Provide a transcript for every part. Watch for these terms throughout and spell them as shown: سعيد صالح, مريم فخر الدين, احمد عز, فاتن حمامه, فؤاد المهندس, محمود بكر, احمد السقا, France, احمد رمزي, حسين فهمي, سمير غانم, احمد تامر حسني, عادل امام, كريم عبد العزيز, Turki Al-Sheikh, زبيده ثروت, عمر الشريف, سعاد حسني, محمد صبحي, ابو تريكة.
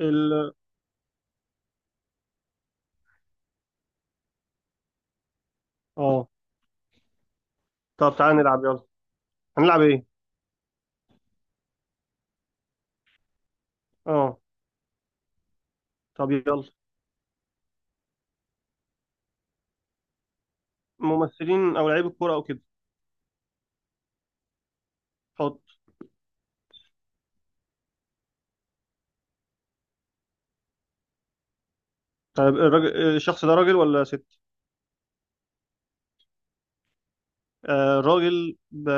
ال اه طب تعالى نلعب، يلا. هنلعب ايه؟ اه طب يلا، ممثلين او لعيب الكوره او كده. حط. طيب الراجل، الشخص ده راجل ولا ست؟ آه راجل. ب...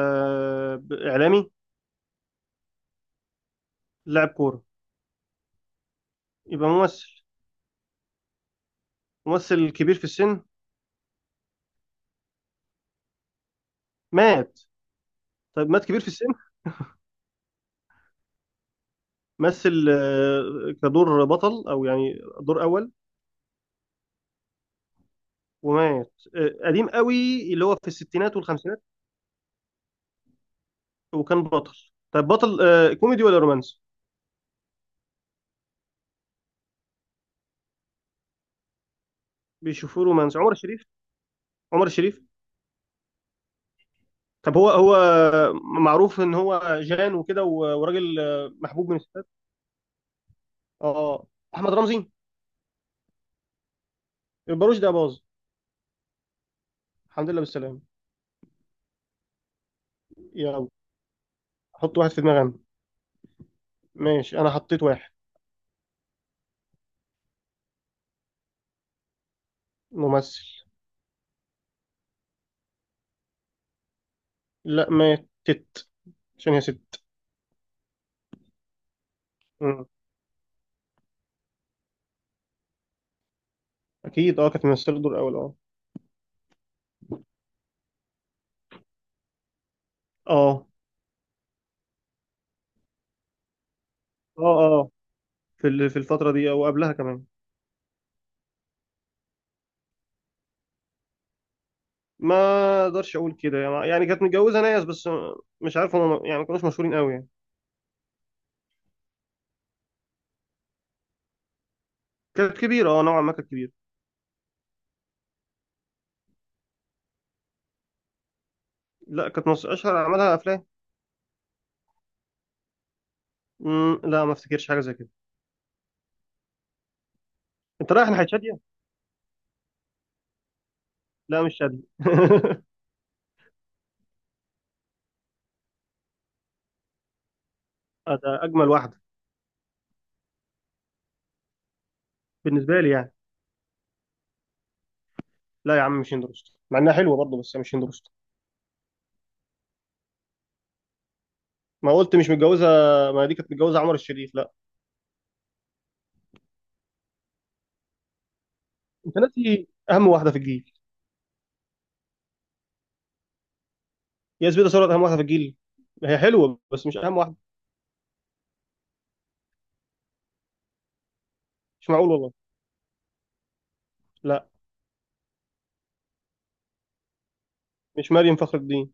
ب... اعلامي. لاعب كوره. يبقى ممثل. ممثل كبير في السن. مات. طيب مات كبير في السن. مثل كدور بطل او يعني دور اول. ومات قديم قوي، اللي هو في الستينات والخمسينات. وكان بطل. طيب بطل كوميدي ولا رومانسي؟ بيشوفوه رومانسي. عمر الشريف، عمر الشريف. طب هو معروف ان هو جان وكده وراجل محبوب من الستات. اه احمد رمزي. الباروش ده باظ. الحمد لله بالسلامه. يلا، حط واحد في دماغي أنا. ماشي، انا حطيت واحد. ممثل. لا، ماتت عشان هي ست. مم. اكيد، كانت ممثله دور اول، اه. اه، اه، اه، في الفتره دي او قبلها كمان. ما اقدرش اقول كده، يعني كانت متجوزه ناس بس مش عارف هم، يعني ما كانوش مشهورين قوي يعني. كانت كبيره، نوعا ما كانت كبيره. لا، كانت اشهر اعمالها افلام. لا، ما افتكرش حاجه زي كده. انت رايح ناحيه شاديه؟ لا، مش شاديه. آه، ده اجمل واحده. بالنسبه لي يعني. لا يا عم، مش هند رستم. مع انها حلوه برضه بس مش هند رستم. ما قلت مش متجوزه. ما دي كانت متجوزه عمر الشريف، لا. انت ناسي اهم واحده في الجيل. يا زبيده ثروت اهم واحده في الجيل؟ هي حلوه بس مش اهم واحده. مش معقول والله. لا، مش مريم فخر الدين.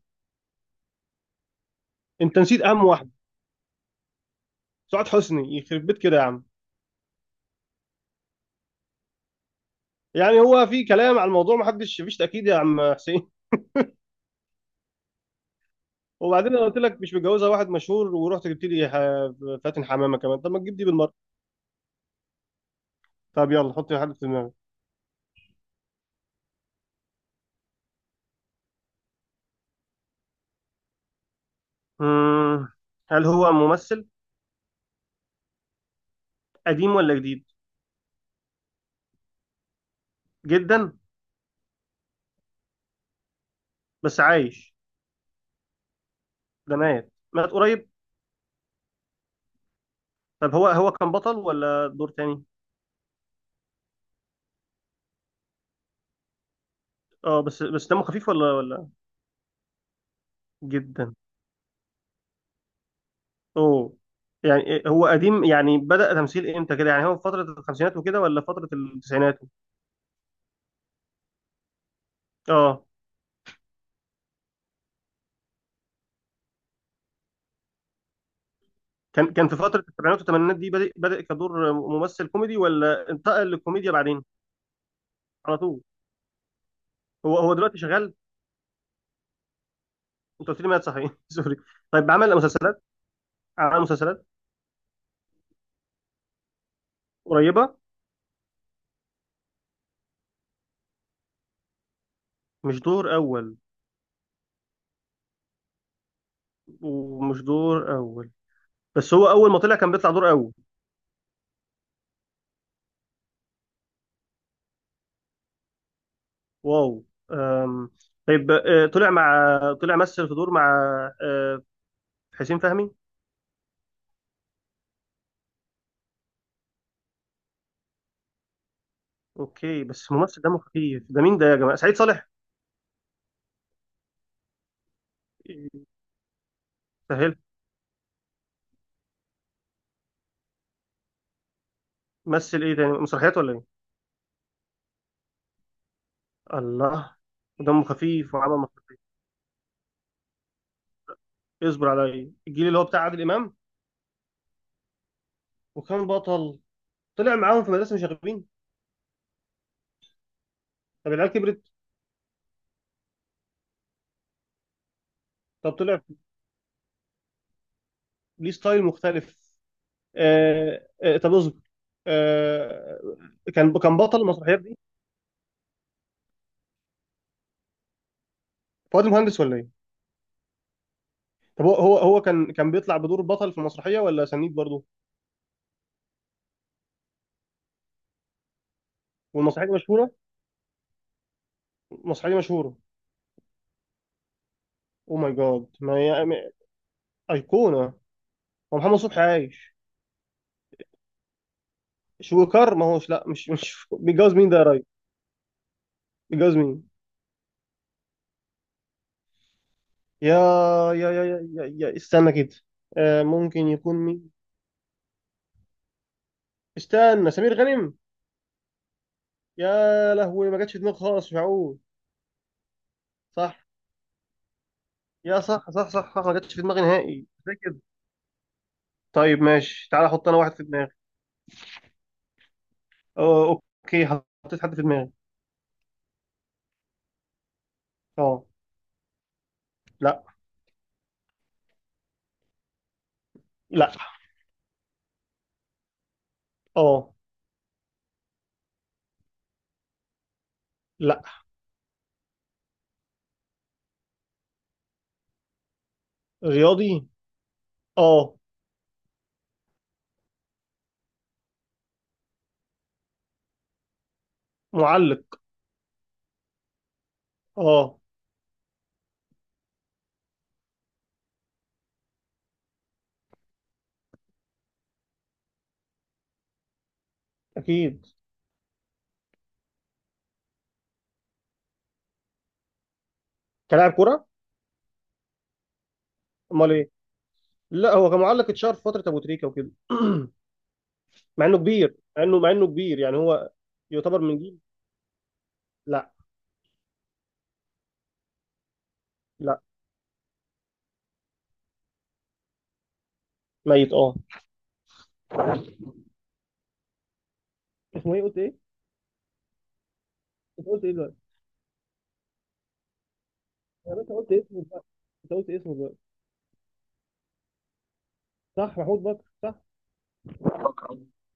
انت نسيت اهم واحده. سعاد حسني. يخرب بيت كده يا عم. يعني هو في كلام على الموضوع، ما حدش فيش تاكيد يا عم حسين. وبعدين انا قلت لك مش متجوزها واحد مشهور، ورحت جبت لي فاتن حمامه كمان. طب ما تجيب دي بالمره. طب يلا، حط حد في دماغك. مم. هل هو ممثل؟ قديم ولا جديد؟ جدا. بس عايش؟ ده مات. مات قريب. طب هو كان بطل ولا دور تاني؟ اه. بس دمه خفيف، ولا؟ جدا. اوه. يعني إيه، هو قديم يعني؟ بدأ تمثيل امتى كده يعني، هو في فترة الخمسينات وكده ولا فترة التسعينات؟ اه. كان في فترة السبعينات والثمانينات دي. بدأ كدور ممثل كوميدي، ولا انتقل للكوميديا بعدين؟ على طول. هو دلوقتي شغال؟ انت قلت لي مات، صحيح. سوري. طيب عمل مسلسلات؟ عمل مسلسلات. قريبه. مش دور اول. ومش دور اول. بس هو اول ما طلع كان بيطلع دور اول. واو. أم. طيب طلع مثل في دور مع آه، حسين فهمي. اوكي، بس ممثل دمه خفيف ده مين ده يا جماعه؟ سعيد صالح. سهل. مثل ايه تاني، مسرحيات ولا ايه؟ الله. دمه خفيف وعمل مسرحيات. اصبر عليا، الجيل اللي هو بتاع عادل امام. وكان بطل. طلع معاهم في مدرسه مشاغبين؟ طب العيال كبرت؟ طب طلع. ليه ستايل مختلف. آه، آه، طب اصبر. آه كان بطل المسرحيات دي. فؤاد المهندس ولا ايه؟ طب هو كان بيطلع بدور بطل في المسرحيه ولا سنيد برضه؟ والمسرحيه دي مشهوره؟ المسرحيه دي مشهوره؟ او ماي جاد، ما هي ايقونه. هو محمد صبحي عايش؟ شويكار ما هوش، لا، مش بيتجوز مين ده يا راجل؟ بيتجوز مين؟ يا يا استنى كده. ممكن يكون مين؟ استنى. سمير غانم. يا لهوي، ما جاتش في دماغي خالص. مش معقول. صح. يا، صح، صح، صح، صح، ما جاتش في دماغي نهائي زي كده. طيب ماشي، تعالى احط انا واحد في دماغي. أو اوكي. حطيت حد في دماغي. اه. لا. لا. اه. لا. رياضي. اه. معلق. اه. اكيد. كلاعب كرة؟ امال ايه. لا، هو كان معلق، اتشهر في فترة ابو تريكة وكده. مع انه كبير، مع انه كبير يعني، هو يعتبر من جيل. لا. لا، ميت، اه. اسمه ايه؟ قلت ايه؟ انت قلت ايه دلوقتي؟ يا باشا، قلت اسمه دلوقتي. انت قلت اسمه دلوقتي. صح، محمود بكر، صح.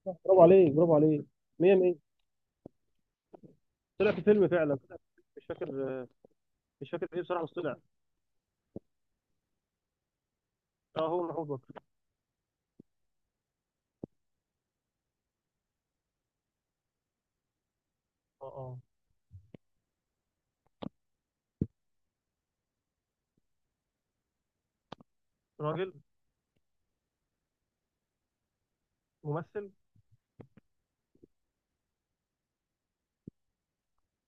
برافو عليك، برافو عليك. 100 100. طلع في فيلم فعلا. طلع في فيلم، مش فاكر. مش فاكر ايه بصراحه، بس طلع. اه، هو محمود بكر. اه. اه. راجل. ممثل.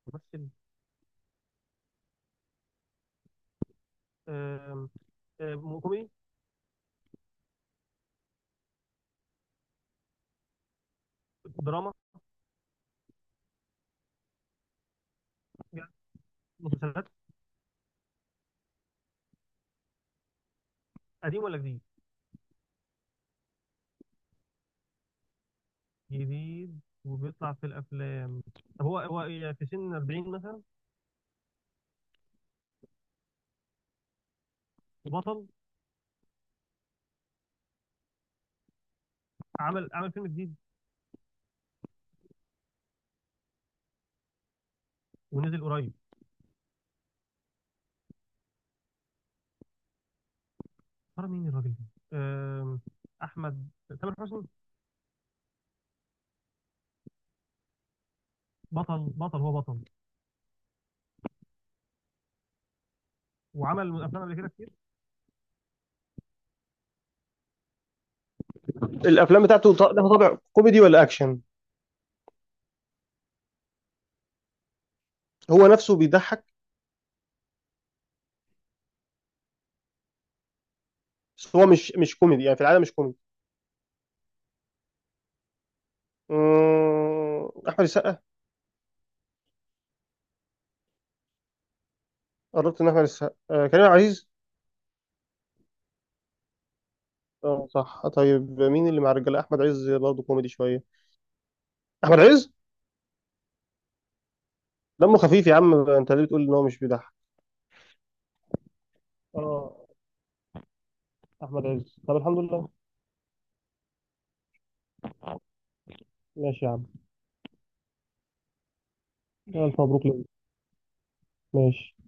ممثل. آم، آم، كوميدي. دراما يعني. مسلسلات. قديم ولا جديد؟ جديد وبيطلع في الافلام. طب هو إيه، في سن 40 مثلا؟ بطل. عمل فيلم جديد. ونزل قريب. ترى مين الراجل ده؟ آم، احمد. تامر حسني. بطل. بطل، هو بطل. وعمل افلام قبل كده كتير. الافلام بتاعته لها طابع كوميدي ولا اكشن؟ هو نفسه بيضحك؟ بس هو مش كوميدي يعني، في العاده مش كوميدي. احمد السقا. قربت. ان احمد السقا كريم عبد العزيز. اه، صح. طيب مين اللي مع الرجاله؟ احمد عز برضه كوميدي شويه. احمد عز. دمه خفيف يا عم، انت ليه بتقول ان هو مش بيضحك؟ اه. احمد عز. طب الحمد لله. ماشي يا عم. الف مبروك ليك. ماشي.